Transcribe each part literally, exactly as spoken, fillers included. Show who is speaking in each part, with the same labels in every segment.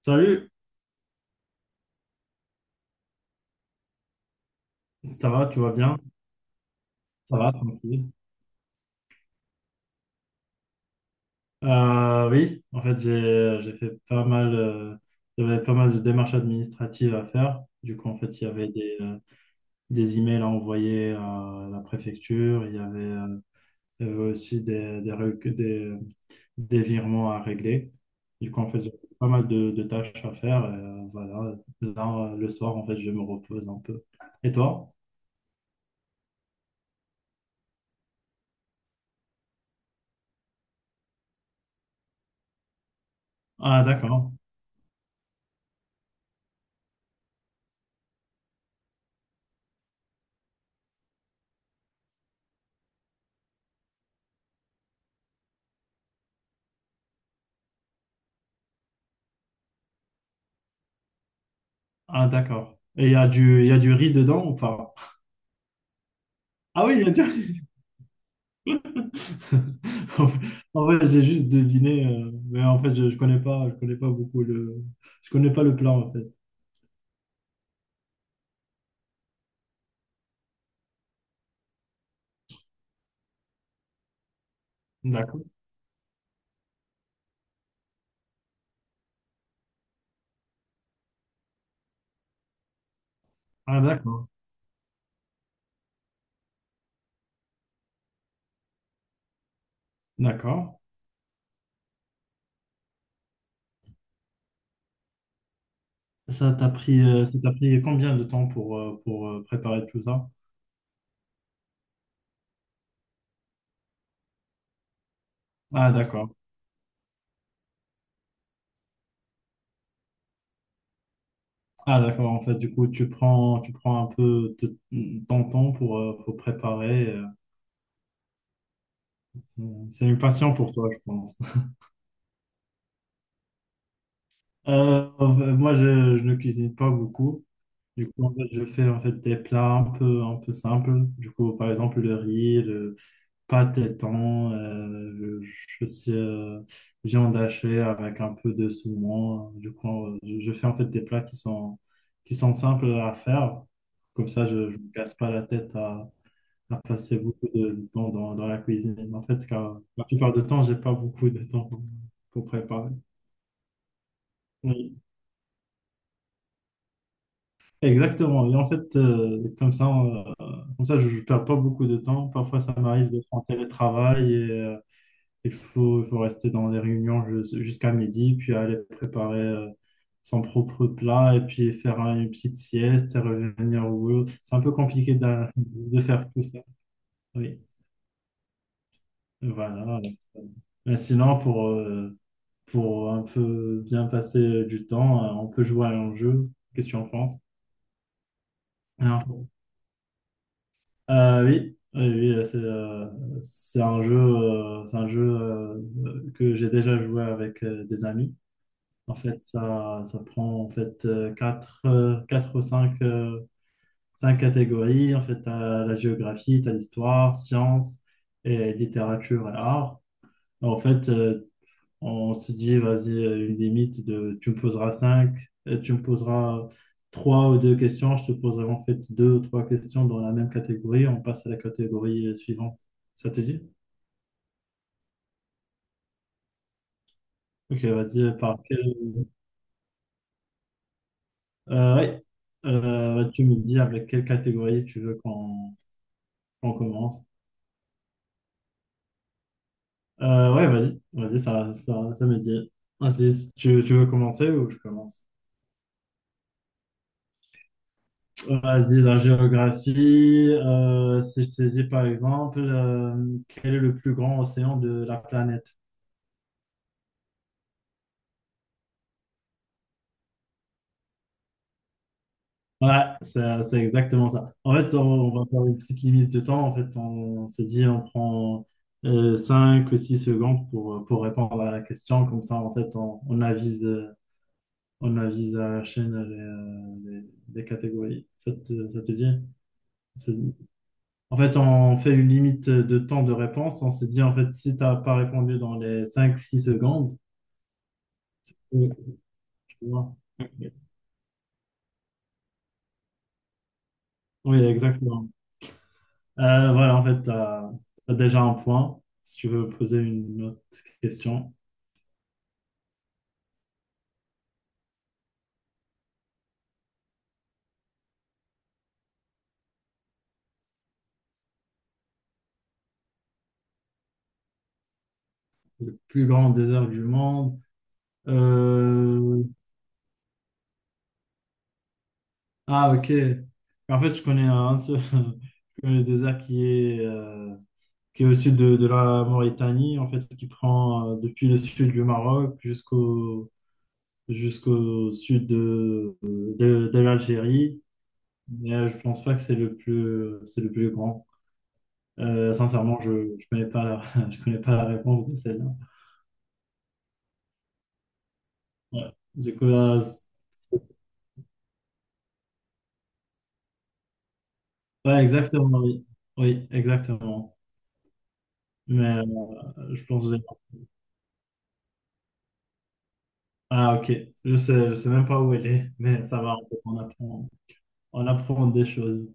Speaker 1: Salut, ça va, tu vas bien? Ça va, tranquille. Euh, oui, en fait, j'ai j'ai fait pas mal, euh, j'avais pas mal de démarches administratives à faire. Du coup, en fait, il y avait des, euh, des emails à envoyer à la préfecture, il y avait, euh, il y avait aussi des, des, rec- des, des virements à régler. Du coup, en fait, j'ai pas mal de, de tâches à faire. Et, euh, voilà, là, euh, le soir, en fait, je me repose un peu. Et toi? Ah, d'accord. Ah, d'accord. Et il y a du, il y a du riz dedans ou pas? Ah oui, il y a déjà... En fait, en fait, j'ai juste deviné, euh, mais en fait, je, je connais pas, je connais pas beaucoup le, je connais pas le plat en fait. D'accord. Ah d'accord, d'accord. Ça t'a pris, euh, ça t'a pris combien de temps pour euh, pour euh, préparer tout ça? Ah d'accord, ah d'accord. En fait, du coup, tu prends, tu prends, un peu de- ton temps pour euh, pour préparer. euh. C'est une passion pour toi, je pense. Euh, moi, je, je ne cuisine pas beaucoup. Du coup, en fait, je fais en fait des plats un peu, un peu simples. Du coup, par exemple, le riz, le pâte et thon, euh, le- je suis euh, viande hachée avec un peu de saumon. Du coup, euh, je, je fais en fait des plats qui sont, qui sont simples à faire. Comme ça, je ne me casse pas la tête à, à passer beaucoup de temps dans, dans la cuisine. En fait, car la plupart du temps, j'ai pas beaucoup de temps pour préparer. Oui. Exactement. Et en fait, euh, comme ça, euh, comme ça, je ne perds pas beaucoup de temps. Parfois, ça m'arrive d'être en télétravail et euh, il faut, il faut rester dans les réunions jus- jusqu'à midi, puis aller préparer euh, son propre plat et puis faire euh, une petite sieste et revenir au boulot. C'est un peu compliqué d'a- de, faire tout ça. Oui, voilà. Mais sinon, pour, euh, pour un peu bien passer du temps, euh, on peut jouer à un jeu. Qu'est-ce que tu en penses? Euh, oui, oui, oui, c'est euh, c'est un jeu, euh, c'est un jeu euh, que j'ai déjà joué avec euh, des amis. En fait, ça, ça prend en fait euh, quatre, euh, quatre ou cinq, euh, cinq catégories. En fait, t'as la géographie, t'as l'histoire, sciences et littérature et art. En fait, euh, on se dit, vas-y, euh, une limite de tu me poseras cinq euh, tu me poseras trois ou deux questions, je te poserai en fait deux ou trois questions dans la même catégorie, on passe à la catégorie euh, suivante. Ça te dit? Ok, vas-y, euh, par quel... euh, ouais. Euh, tu me dis avec quelle catégorie tu veux qu'on qu'on commence. Euh, ouais, vas-y, vas-y, ça, ça, ça me dit. Vas-y, tu, tu veux commencer ou je commence? Vas-y, la géographie. euh, si je te dis par exemple, euh, quel est le plus grand océan de la planète? Ouais, c'est c'est exactement ça. En fait, on, on va faire une petite limite de temps. En fait, on se dit, on prend euh, cinq ou six secondes pour, pour répondre à la question. Comme ça, en fait, on, on avise, euh, on avise à la chaîne les, euh, les- les catégories. Ça te, ça te dit? En fait, on fait une limite de temps de réponse. On s'est dit, en fait, si tu n'as pas répondu dans les cinq-six secondes, Oui. Tu vois. Oui, exactement. Euh, voilà, en fait, tu as, déjà un point. Si tu veux poser une autre question. Le plus grand désert du monde. Euh, Ah, ok. En fait, je connais un seul je connais le désert qui est, euh, qui est au sud de, de la Mauritanie, en fait, qui prend euh, depuis le sud du Maroc jusqu'au jusqu'au sud de, de, de l'Algérie. Mais euh, je pense pas que c'est le plus, c'est le plus grand. Euh, sincèrement, je, je connais pas la, je connais pas la réponse de celle-là. Ouais. Du coup, là, c'est- ouais, exactement, oui. Oui, exactement. Mais euh, je pense que... Ah, ok. Je sais, je sais même pas où elle est, mais ça va, en fait, on apprend, on apprend des choses.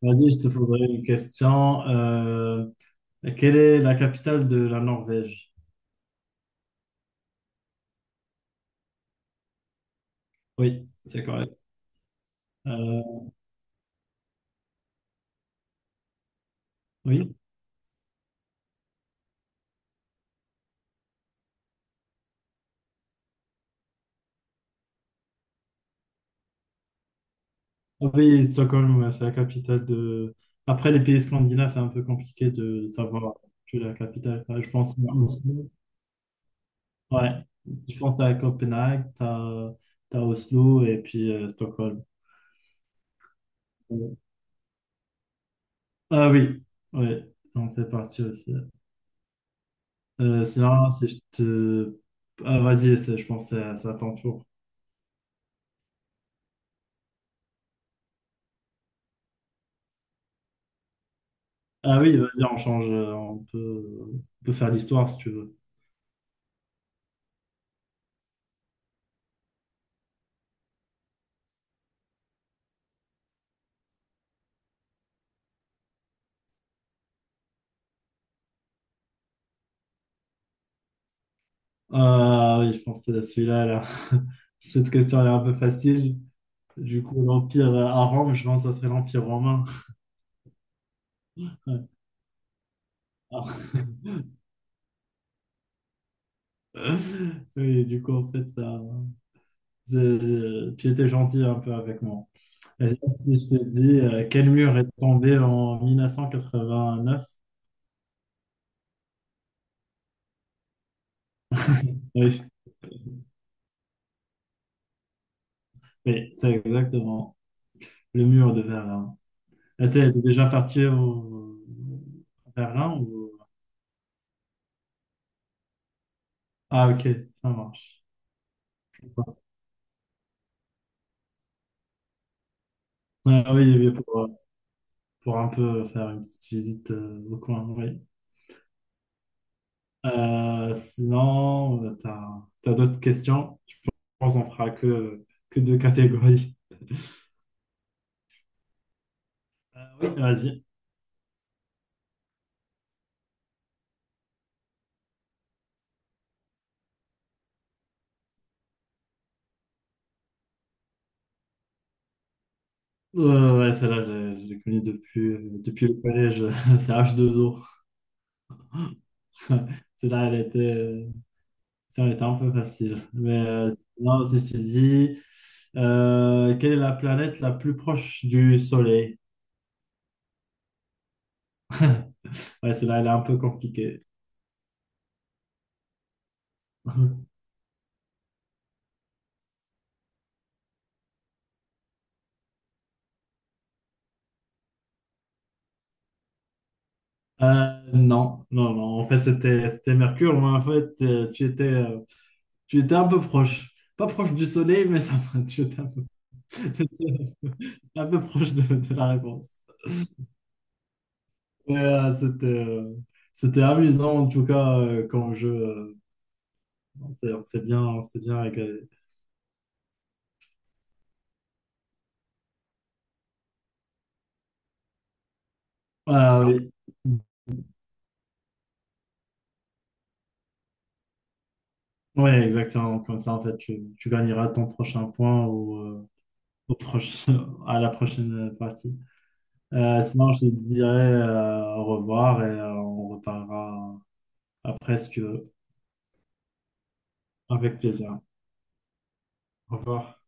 Speaker 1: Vas-y, je te poserai une question. Euh, quelle est la capitale de la Norvège? Oui, c'est correct. Euh, oui. Ah Oui, Stockholm, ouais, c'est la capitale de. Après, les pays scandinaves, c'est un peu compliqué de savoir que la capitale. Enfin, Je pense à Oslo. Ouais. Je pense à Copenhague, t'as t'as Oslo et puis euh, Stockholm. Ouais. Ah oui, ouais, on fait partie aussi. Euh, sinon, si je te. Ah, vas-y, c'est- je pense que c'est à c'est à ton tour. Ah oui, vas-y, on change. euh, On peut, on peut, faire l'histoire si tu veux. Ah oui, je pense que c'est celui-là, là. Cette question, elle est un peu facile. Du coup, l'Empire euh, à Rome, je pense que ça serait l'Empire romain. Oui, du coup, en fait, ça, c'est- tu étais gentil un peu avec moi. Et donc, si je te dis, euh, quel mur est tombé en mille neuf cent quatre-vingt-neuf? Oui, oui, c'est exactement le mur de Berlin. Et T'es t'es déjà parti au... à Berlin ou... Ah, ok, ça marche. Ah oui, oui, pour, euh, pour un peu faire une petite visite euh, au coin, oui. Euh, sinon, euh, t'as, t'as d'autres questions? Je pense qu'on fera que, que deux catégories. Euh, oui, vas-y. Euh, ouais, ouais, celle-là, je, je l'ai connue depuis, euh, depuis le collège. C'est H deux O. Celle-là, elle était, euh, elle était un peu facile. Mais euh, sinon, ceci dit, euh, quelle est la planète la plus proche du Soleil? Ouais, celle-là, elle est un peu compliquée. Euh, non, non, non. En fait, c'était c'était Mercure, mais en fait, euh, tu étais, euh, Tu étais un peu proche. Pas proche du soleil, mais ça va. Tu étais un peu, tu étais un peu un peu proche de, de la réponse. Mais, euh, c'était, euh, c'était amusant, en tout cas, euh, comme jeu. euh, on s'est on s'est bien, on s'est bien régalé. Voilà, oui. Ouais, exactement. Comme ça, en fait, tu, tu gagneras ton prochain point ou euh, au prochain, à la prochaine partie. Euh, sinon, je te dirai euh, au revoir et euh, on reparlera après si tu veux. Avec plaisir. Au revoir.